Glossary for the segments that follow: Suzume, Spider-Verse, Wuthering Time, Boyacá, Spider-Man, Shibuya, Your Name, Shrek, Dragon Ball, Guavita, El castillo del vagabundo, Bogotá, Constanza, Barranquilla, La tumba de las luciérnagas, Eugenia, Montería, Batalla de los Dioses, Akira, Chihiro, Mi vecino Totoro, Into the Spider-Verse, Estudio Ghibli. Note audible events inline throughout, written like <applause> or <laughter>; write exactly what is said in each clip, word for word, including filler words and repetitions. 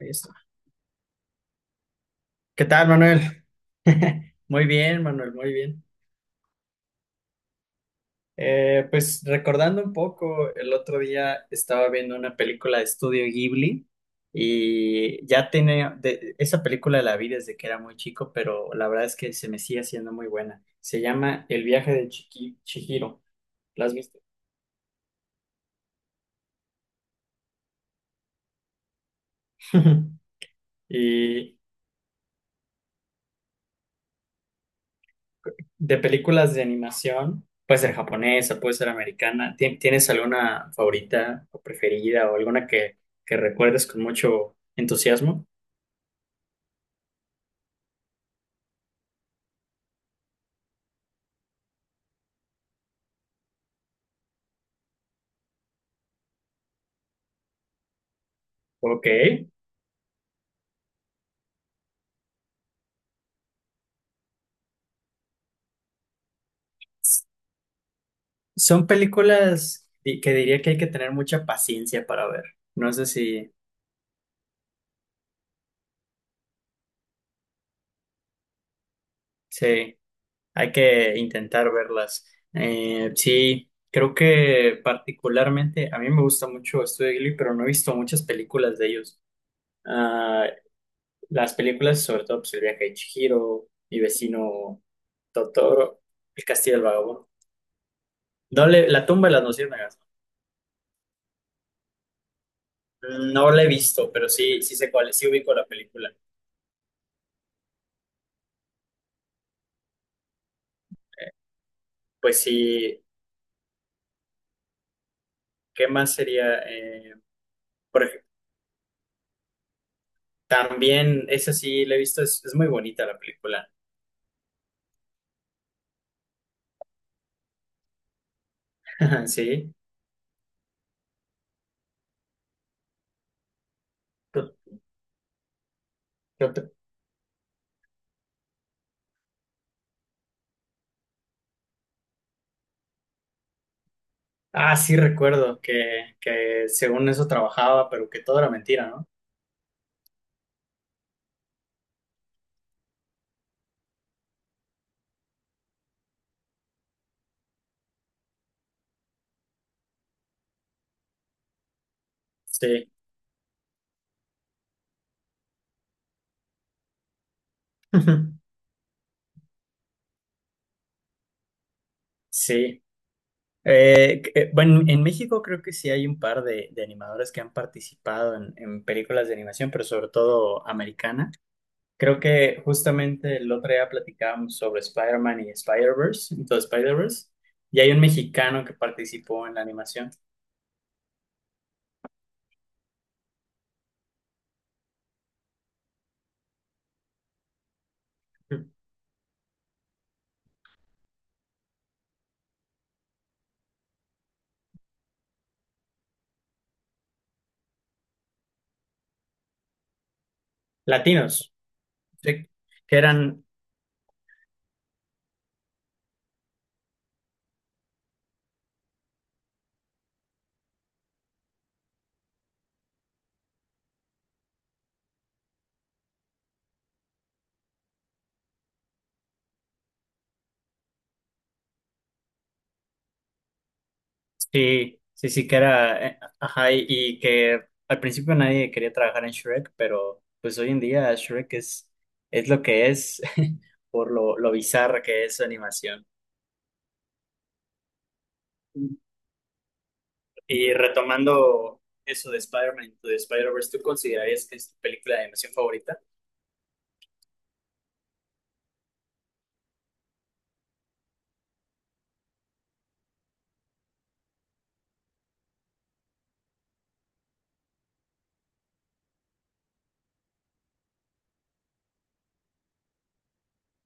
Ahí está. ¿Qué tal, Manuel? <laughs> Muy bien, Manuel, muy bien. Eh, pues recordando un poco, el otro día estaba viendo una película de estudio Ghibli y ya tenía, de- esa película la vi desde que era muy chico, pero la verdad es que se me sigue haciendo muy buena. Se llama El viaje de Chiqui- Chihiro. ¿La has visto? <laughs> Y de películas de animación, puede ser japonesa, puede ser americana. ¿Tien- ¿Tienes alguna favorita o preferida o alguna que, que recuerdes con mucho entusiasmo? Ok. Son películas di- que diría que hay que tener mucha paciencia para ver. No sé si, sí, hay que intentar verlas. Eh, sí, creo que particularmente a mí me gusta mucho Estudio Ghibli, pero no he visto muchas películas de ellos. Ah, las películas, sobre todo, pues, El viaje de Chihiro, Mi vecino Totoro, El castillo del vagabundo. No le, La tumba de las luciérnagas. No la he visto, pero sí, sí sé cuál es, sí ubico la película. Pues sí, ¿qué más sería? Eh, por ej- También, esa sí la he visto, es, es muy bonita la película. <laughs> Sí. Tot- Tot- Ah, sí recuerdo que, que según eso trabajaba, pero que todo era mentira, ¿no? Sí. <laughs> Sí. Eh, que- eh, bueno, en México creo que sí hay un par de, de animadores que han participado en, en películas de animación, pero sobre todo americana. Creo que justamente el otro día platicábamos sobre Spider-Man y Spider-Verse, entonces Spider-Verse, y hay un mexicano que participó en la animación. Latinos, sí, que eran. Sí, sí, sí, que era, eh, ajá, y, y que al principio nadie quería trabajar en Shrek, pero pues hoy en día Shrek es, es lo que es <laughs> por lo, lo bizarra que es su animación. Y retomando eso de Spider-Man, Into the Spider-Verse, ¿tú considerarías que es tu película de animación favorita?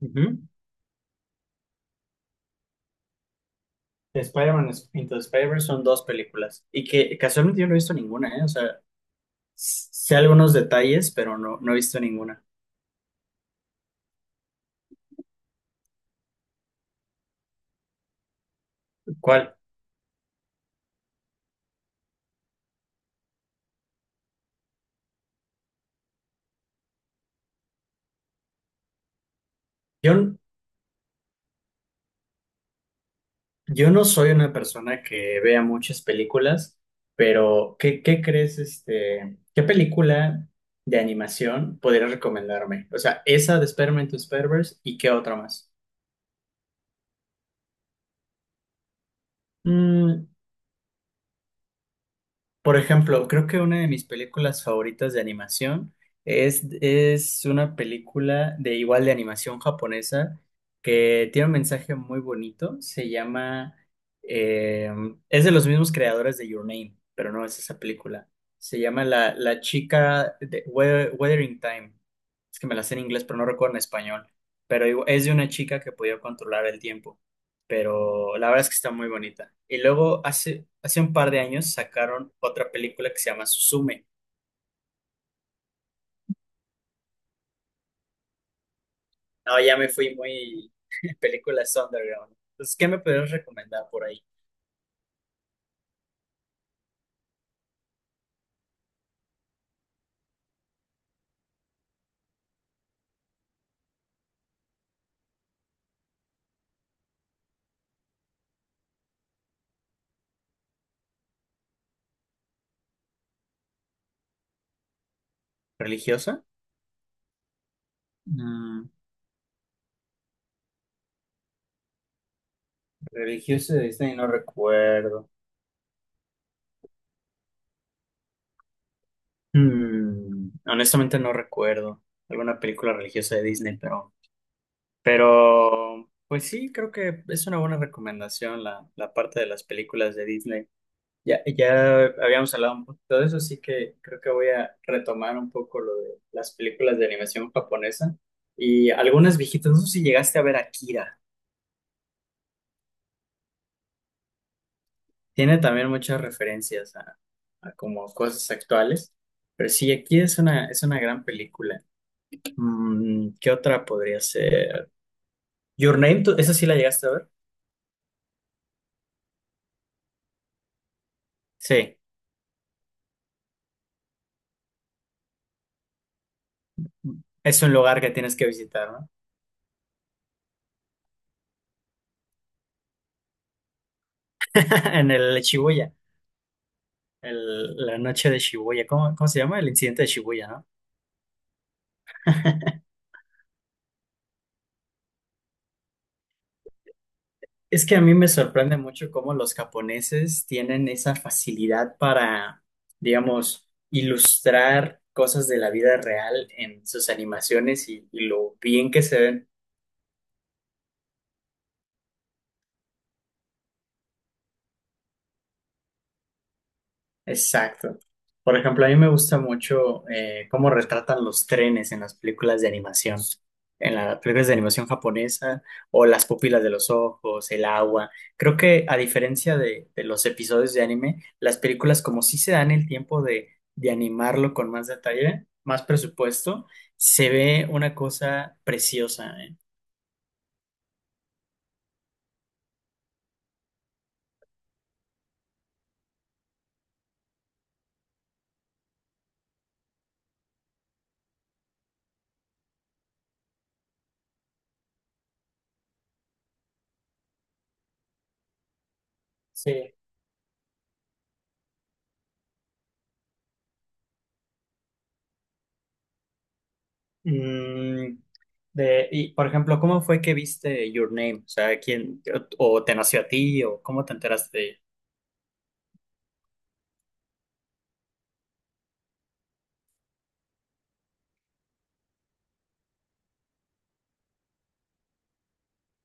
Ujú. De Spider-Man es- Into the Spider-Verse son dos películas y que casualmente yo no he visto ninguna, ¿eh? O sea, s- sé algunos detalles, pero no, no he visto ninguna. ¿Cuál? Yo, Yo no soy una persona que vea muchas películas, pero ¿qué, ¿qué crees, este, qué película de animación podrías recomendarme? O sea, esa de Spider-Man to Spider-Verse y qué otra más. Por ejemplo, creo que una de mis películas favoritas de animación es, es una película de igual de animación japonesa que tiene un mensaje muy bonito. Se llama, eh, es de los mismos creadores de Your Name, pero no es esa película. Se llama La, La chica de Weth- Wuthering Time. Es que me la sé en inglés, pero no recuerdo en español. Pero igu- es de una chica que podía controlar el tiempo, pero la verdad es que está muy bonita. Y luego hace, hace un par de años sacaron otra película que se llama Suzume. No, ya me fui muy <laughs> películas underground. Entonces, ¿qué me podrías recomendar por ahí? ¿Religiosa? Mm, religiosa de Disney no recuerdo. Mm, honestamente no recuerdo alguna película religiosa de Disney, pero, pero pues sí, creo que es una buena recomendación la, la parte de las películas de Disney. Ya, ya habíamos hablado un poquito de eso, así que creo que voy a retomar un poco lo de las películas de animación japonesa y algunas viejitas. No sé si llegaste a ver Akira. Tiene también muchas referencias a, a como cosas actuales, pero sí, Akira es una, es una gran película. Mm, ¿qué otra podría ser? Your Name, ¿tú- ¿esa sí la llegaste a ver? Sí, es un lugar que tienes que visitar, ¿no? <laughs> En el Shibuya, el- la noche de Shibuya. ¿Cómo, cómo se llama? El incidente de Shibuya, ¿no? Es que a mí me sorprende mucho cómo los japoneses tienen esa facilidad para, digamos, ilustrar cosas de la vida real en sus animaciones y, y lo bien que se ven. Exacto. Por ejemplo, a mí me gusta mucho, eh, cómo retratan los trenes en las películas de animación, en las películas de animación japonesa, o las pupilas de los ojos, el agua. Creo que a diferencia de, de los episodios de anime, las películas como sí se dan el tiempo de, de animarlo con más detalle, más presupuesto, se ve una cosa preciosa, ¿eh? Sí. Mm, de, y, por ejemplo, ¿cómo fue que viste Your Name? O sea, ¿quién, ¿o o te nació a ti, o cómo te enteraste de ella?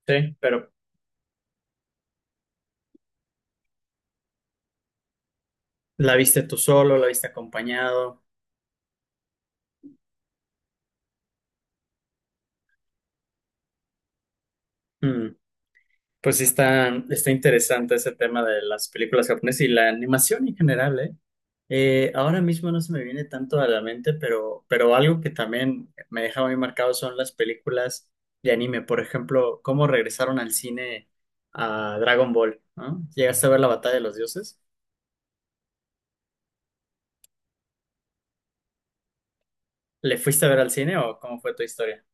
Sí, pero ¿la viste tú solo, la viste acompañado? Mm. Pues sí está, está interesante ese tema de las películas japonesas y la animación en general, ¿eh? Eh, ahora mismo no se me viene tanto a la mente, pero, pero algo que también me deja muy marcado son las películas de anime. Por ejemplo, cómo regresaron al cine a Dragon Ball, ¿no? ¿Llegaste a ver la Batalla de los Dioses? ¿Le fuiste a ver al cine o cómo fue tu historia?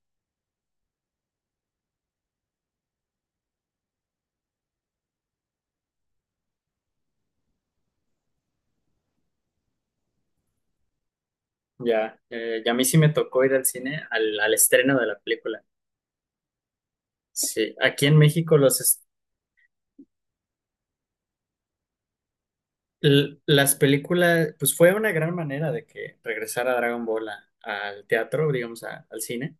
Ya, eh, y a mí sí me tocó ir al cine al, al estreno de la película. Sí, aquí en México los, L- las películas, pues fue una gran manera de que regresara Dragon Ball a- al teatro, digamos, a- al cine,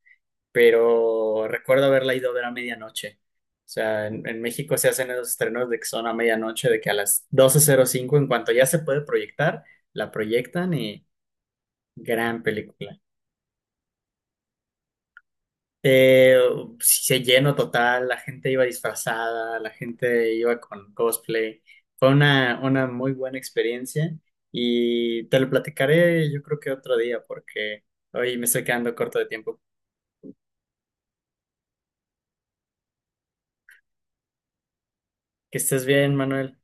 pero recuerdo haberla ido a ver a medianoche. O sea, en, en México se hacen esos estrenos de que son a medianoche, de que a las doce cero cinco en cuanto ya se puede proyectar, la proyectan y gran película. Eh, sí, se llenó total, la gente iba disfrazada, la gente iba con cosplay. Fue una, una muy buena experiencia y te lo platicaré yo creo que otro día porque hoy me estoy quedando corto de tiempo. Que estés bien, Manuel.